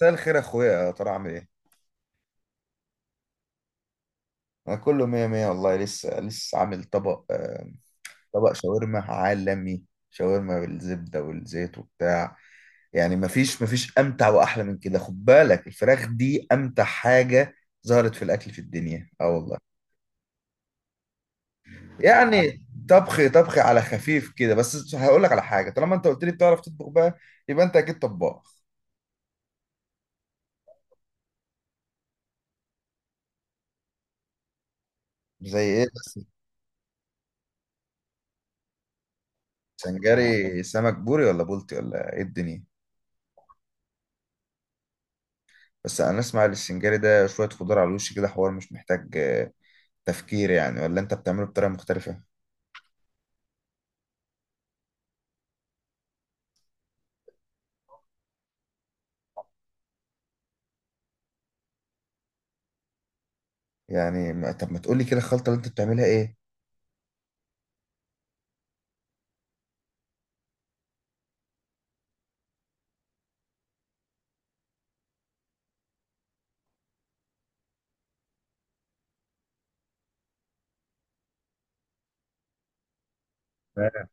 مساء الخير يا اخويا، يا ترى عامل ايه؟ انا كله مية مية والله، لسه لسه عامل طبق، طبق شاورما عالمي. شاورما بالزبدة والزيت وبتاع. يعني مفيش امتع واحلى من كده، خد بالك الفراخ دي امتع حاجة ظهرت في الاكل في الدنيا، اه والله. يعني طبخ على خفيف كده، بس هقول لك على حاجة. طالما انت قلت لي بتعرف تطبخ بقى، يبقى انت اكيد طباخ. زي ايه بس؟ سنجاري سمك بوري ولا بولتي ولا ايه الدنيا؟ بس انا اسمع السنجاري ده شويه خضار على الوش كده، حوار مش محتاج تفكير يعني، ولا انت بتعمله بطريقه مختلفه؟ طب ما تقولي كده الخلطه اللي انت بتعملها ايه؟ تمام.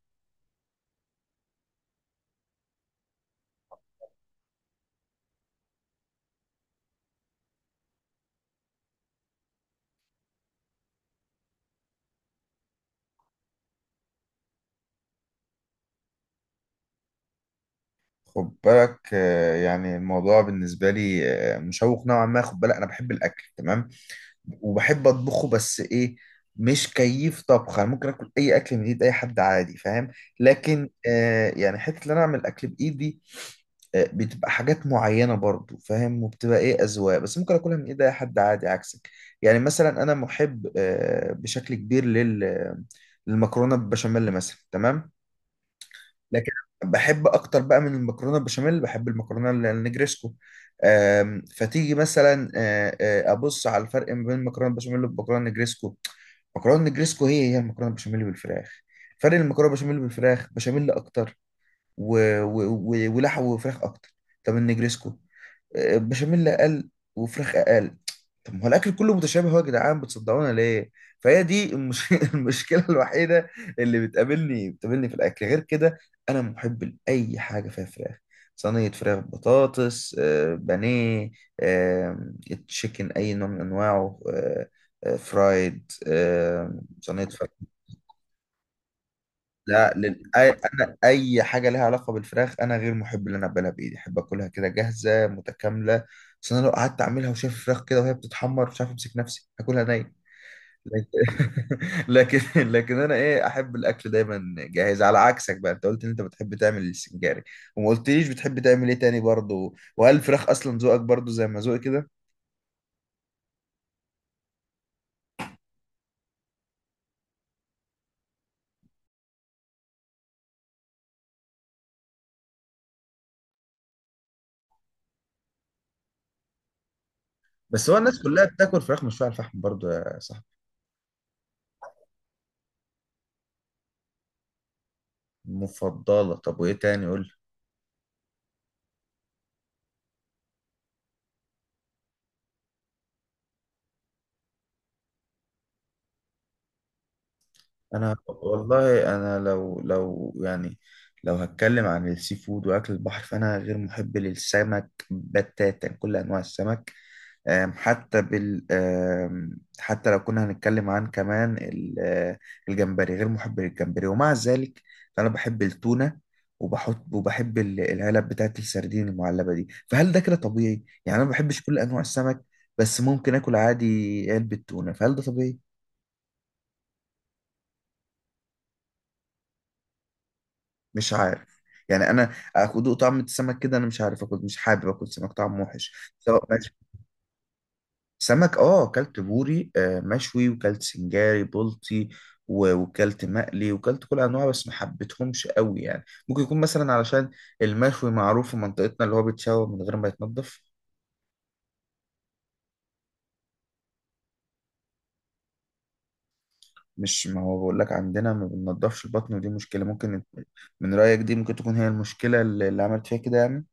خد بالك يعني الموضوع بالنسبه لي مشوق نوعا ما. خد بالك انا بحب الاكل تمام وبحب اطبخه، بس ايه؟ مش كيف طبخ. انا ممكن اكل اي اكل من ايد اي حد عادي، فاهم؟ لكن يعني حته ان انا اعمل اكل بايدي، بتبقى حاجات معينة برضو فاهم، وبتبقى ايه، أذواق. بس ممكن أكلها من ايد أي حد عادي عكسك. يعني مثلا أنا محب بشكل كبير للمكرونة بالبشاميل مثلا تمام. لكن بحب أكتر بقى من المكرونة بالبشاميل، بحب المكرونة النجريسكو. فتيجي مثلا أبص على الفرق ما بين المكرونة بالبشاميل والمكرونة النجريسكو. مكرونه نجريسكو هي المكرونه بالبشاميل بالفراخ. فرق المكرونه بالبشاميل بالفراخ، بشاميل اكتر و... و... ولحم وفراخ اكتر. طب النجريسكو بشاميل اقل وفراخ اقل. طب ما هو الاكل كله متشابه اهو يا جدعان، بتصدقونا ليه؟ فهي دي المشكله الوحيده اللي بتقابلني في الاكل غير كده. انا محب لاي حاجه فيها فراخ. صينيه فراخ، بطاطس بانيه، آه، تشيكن اي نوع من انواعه، فرايد، صينيه فراخ. لا، انا اي حاجه ليها علاقه بالفراخ انا غير محب ان انا اقبلها بايدي، احب اكلها كده جاهزه متكامله. بس انا لو قعدت اعملها وشايف الفراخ كده وهي بتتحمر مش عارف امسك نفسي، هاكلها ني. لكن انا ايه، احب الاكل دايما جاهز. على عكسك بقى، انت قلت ان انت بتحب تعمل السنجاري وما قلتليش بتحب تعمل ايه تاني برضه، وهل الفراخ اصلا ذوقك برضه زي ما ذوقي كده؟ بس هو الناس كلها بتاكل فراخ مشويه على الفحم برضه يا صاحبي. مفضله؟ طب وايه تاني قول لي؟ انا والله، انا لو يعني، لو هتكلم عن السي فود واكل البحر، فانا غير محب للسمك بتاتا، كل انواع السمك. حتى بال أم، حتى لو كنا هنتكلم عن كمان الجمبري، غير محب للجمبري. ومع ذلك فانا بحب التونة، وبحط وبحب العلب بتاعت السردين المعلبة دي. فهل ده كده طبيعي؟ يعني انا ما بحبش كل انواع السمك بس ممكن اكل عادي علبة تونة، فهل ده طبيعي؟ مش عارف. يعني انا اكل طعم السمك كده، انا مش عارف اكل، مش حابب اكل سمك، طعم وحش سواء مشوي. سمك، اه اكلت بوري مشوي، وكلت سنجاري بلطي، وكلت مقلي وكلت كل انواع، بس ما حبيتهمش قوي. يعني ممكن يكون مثلا علشان المشوي معروف في منطقتنا، اللي هو بيتشوى من غير ما يتنضف. مش ما هو بقول لك عندنا ما بننضفش البطن، ودي مشكلة. من رأيك دي ممكن تكون هي المشكلة اللي عملت فيها كده يعني.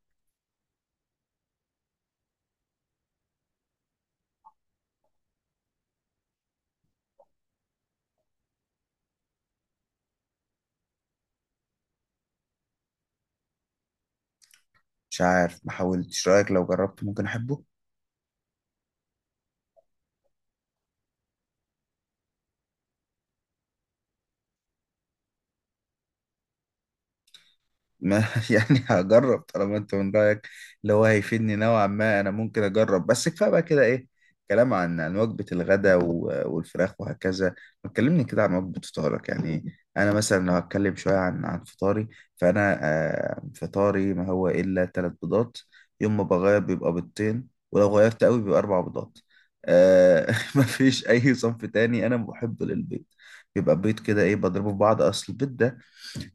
مش عارف ما حاولتش، رأيك لو جربت ممكن احبه. ما يعني هجرب طالما انت من رايك اللي هو هيفيدني نوعا ما، انا ممكن اجرب. بس كفايه بقى كده ايه، كلام عن وجبه الغداء والفراخ وهكذا. ما تكلمني كده عن وجبه فطارك. يعني انا مثلا لو هتكلم شويه عن فطاري، فانا فطاري ما هو الا 3 بيضات. يوم ما بغير بيبقى بيضتين، ولو غيرت قوي بيبقى 4 بيضات. آه ما فيش اي صنف تاني انا محب للبيض. بيبقى بيض كده ايه، بضربه في بعض. اصل البيض ده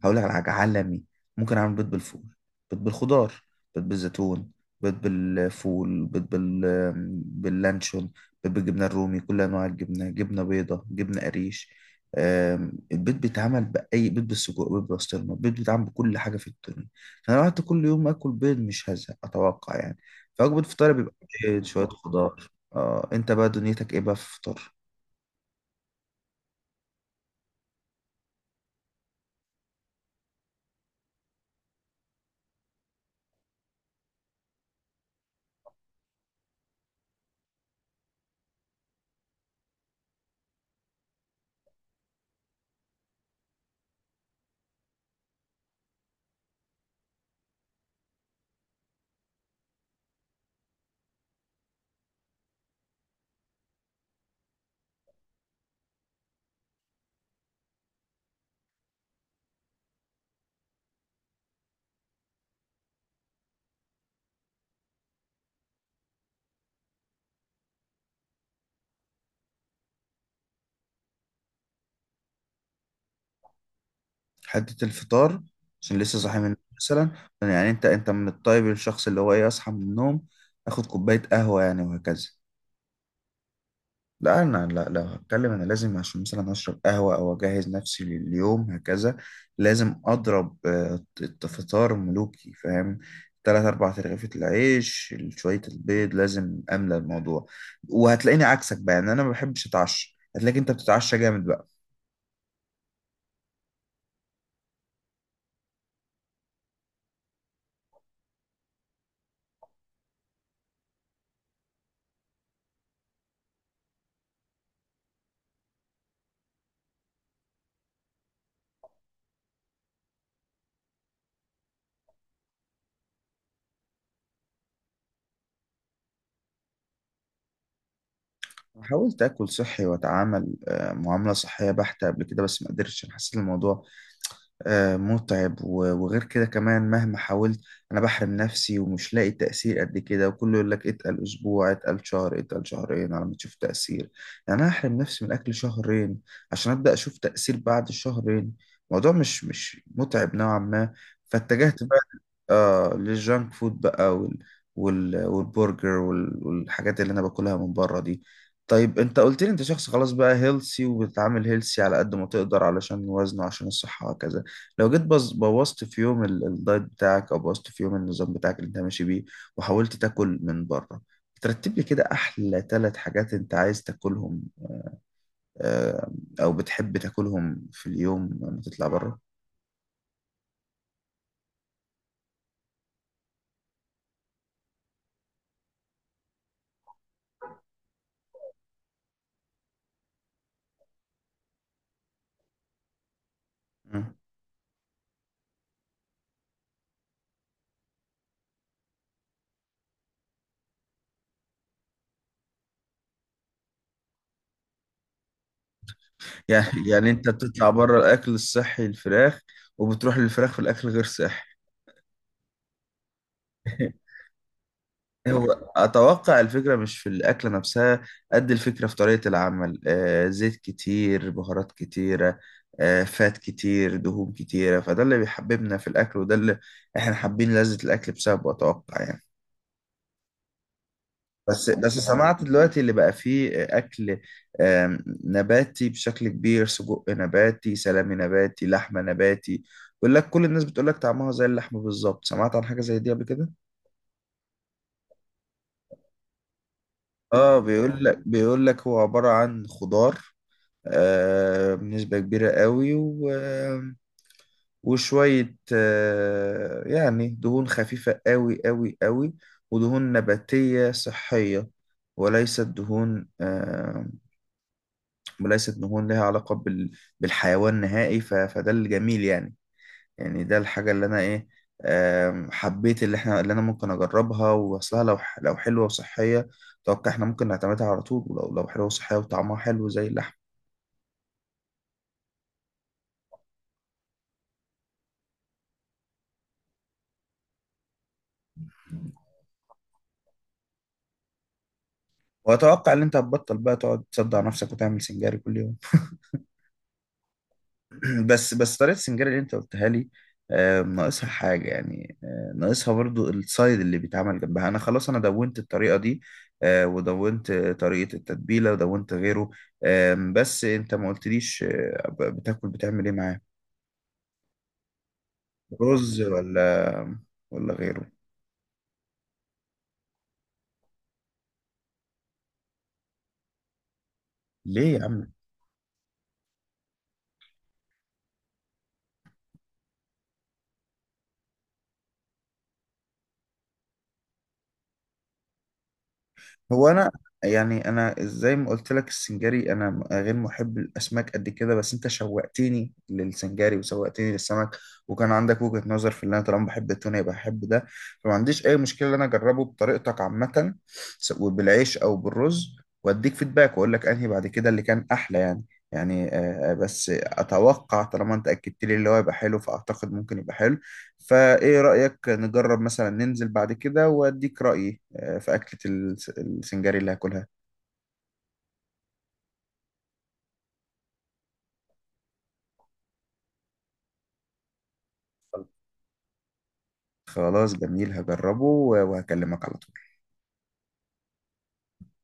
هقول لك على حاجه عالمي. ممكن اعمل بيض بالفول، بيض بالخضار، بيض بالزيتون، بيض بالفول، بيض باللانشون، بيض بالجبنه الرومي، كل انواع الجبنه، جبنه بيضه، جبنه قريش. البيض بيتعمل بأي، بيض بالسجق، بيض بالبسطرمة، البيض بيتعمل بكل حاجة في الدنيا. فأنا لو قعدت كل يوم آكل بيض مش هزهق أتوقع يعني. فوجبة فطار بيبقى بيض شوية خضار. آه أنت بقى دنيتك إيه بقى في الفطار؟ حتة الفطار، عشان لسه صاحي من النوم مثلا. يعني انت من الطيب، الشخص اللي هو ايه، اصحى من النوم اخد كوباية قهوة يعني وهكذا. لا، انا لا لو هتكلم، انا لازم عشان مثلا اشرب قهوة او اجهز نفسي لليوم هكذا، لازم اضرب فطار ملوكي فاهم. تلات أربع ترغيفة العيش، شوية البيض، لازم أملى الموضوع. وهتلاقيني عكسك بقى، يعني أنا ما بحبش أتعشى، هتلاقيك أنت بتتعشى جامد بقى. حاولت اكل صحي واتعامل معامله صحيه بحته قبل كده بس ما قدرتش. أنا حسيت الموضوع متعب، وغير كده كمان مهما حاولت انا بحرم نفسي ومش لاقي تأثير قد كده. وكله يقول لك اتقل اسبوع، اتقل شهر، اتقل شهرين على ما تشوف تأثير. يعني انا احرم نفسي من اكل شهرين عشان ابدأ اشوف تأثير بعد الشهرين. الموضوع مش متعب نوعا ما. فاتجهت بقى للجانك فود بقى، والبرجر والحاجات اللي انا باكلها من بره دي. طيب انت قلت لي انت شخص خلاص بقى هيلسي، وبتتعامل هيلسي على قد ما تقدر علشان وزنه، عشان الصحة وكذا. لو جيت بوظت في يوم الدايت بتاعك، او بوظت في يوم النظام بتاعك اللي انت ماشي بيه وحاولت تاكل من بره، ترتب لي كده احلى 3 حاجات انت عايز تاكلهم آه، او بتحب تاكلهم في اليوم لما تطلع بره. مم. يعني يعني انت بتطلع بره الاكل الصحي الفراخ، وبتروح للفراخ في الاكل غير صحي. هو أتوقع الفكرة مش في الأكلة نفسها، قد الفكرة في طريقة العمل. زيت كتير، بهارات كتيرة، فات كتير، دهون كتيرة. فده اللي بيحببنا في الأكل، وده اللي إحنا حابين لذة الأكل بسببه أتوقع يعني. بس سمعت دلوقتي اللي بقى فيه أكل آم، نباتي بشكل كبير، سجق نباتي، سلامي نباتي، لحمة نباتي. بيقول لك كل الناس بتقول لك طعمها زي اللحمة بالظبط. سمعت عن حاجة زي دي قبل كده؟ اه بيقول لك هو عبارة عن خضار بنسبة كبيرة قوي، و... آه، وشوية يعني دهون خفيفة قوي قوي قوي. ودهون نباتية صحية، وليست دهون آه، وليست دهون لها علاقة بالحيوان نهائي. فده الجميل يعني. يعني ده الحاجة اللي أنا إيه، حبيت، اللي احنا اللي انا ممكن اجربها واصلها، لو لو حلوه وصحيه اتوقع احنا ممكن نعتمدها على طول، ولو حلوه وصحيه وطعمها حلو زي اللحم. واتوقع ان انت هتبطل بقى تقعد تصدع نفسك وتعمل سنجاري كل يوم. بس طريقه السنجاري اللي انت قلتها لي ناقصها حاجه يعني، ناقصها برضو السايد اللي بيتعمل جنبها. انا خلاص، انا دونت الطريقه دي ودونت طريقه التتبيله ودونت غيره. بس انت ما قلتليش بتاكل بتعمل ايه معاه؟ رز ولا غيره؟ ليه يا عم؟ هو انا، يعني انا زي ما قلت لك السنجاري انا غير محب الاسماك قد كده، بس انت شوقتني للسنجاري وشوقتني للسمك. وكان عندك وجهة نظر في اللي انا طالما بحب التونه يبقى بحب ده. فما عنديش اي مشكله ان انا اجربه بطريقتك عامه، سواء بالعيش او بالرز. واديك فيدباك واقول لك انهي بعد كده اللي كان احلى يعني. يعني بس اتوقع طالما انت اكدت لي اللي هو يبقى حلو، فاعتقد ممكن يبقى حلو. فايه رايك نجرب مثلا ننزل بعد كده واديك رايي في اكله السنجاري اللي هاكلها. خلاص جميل هجربه وهكلمك على طول.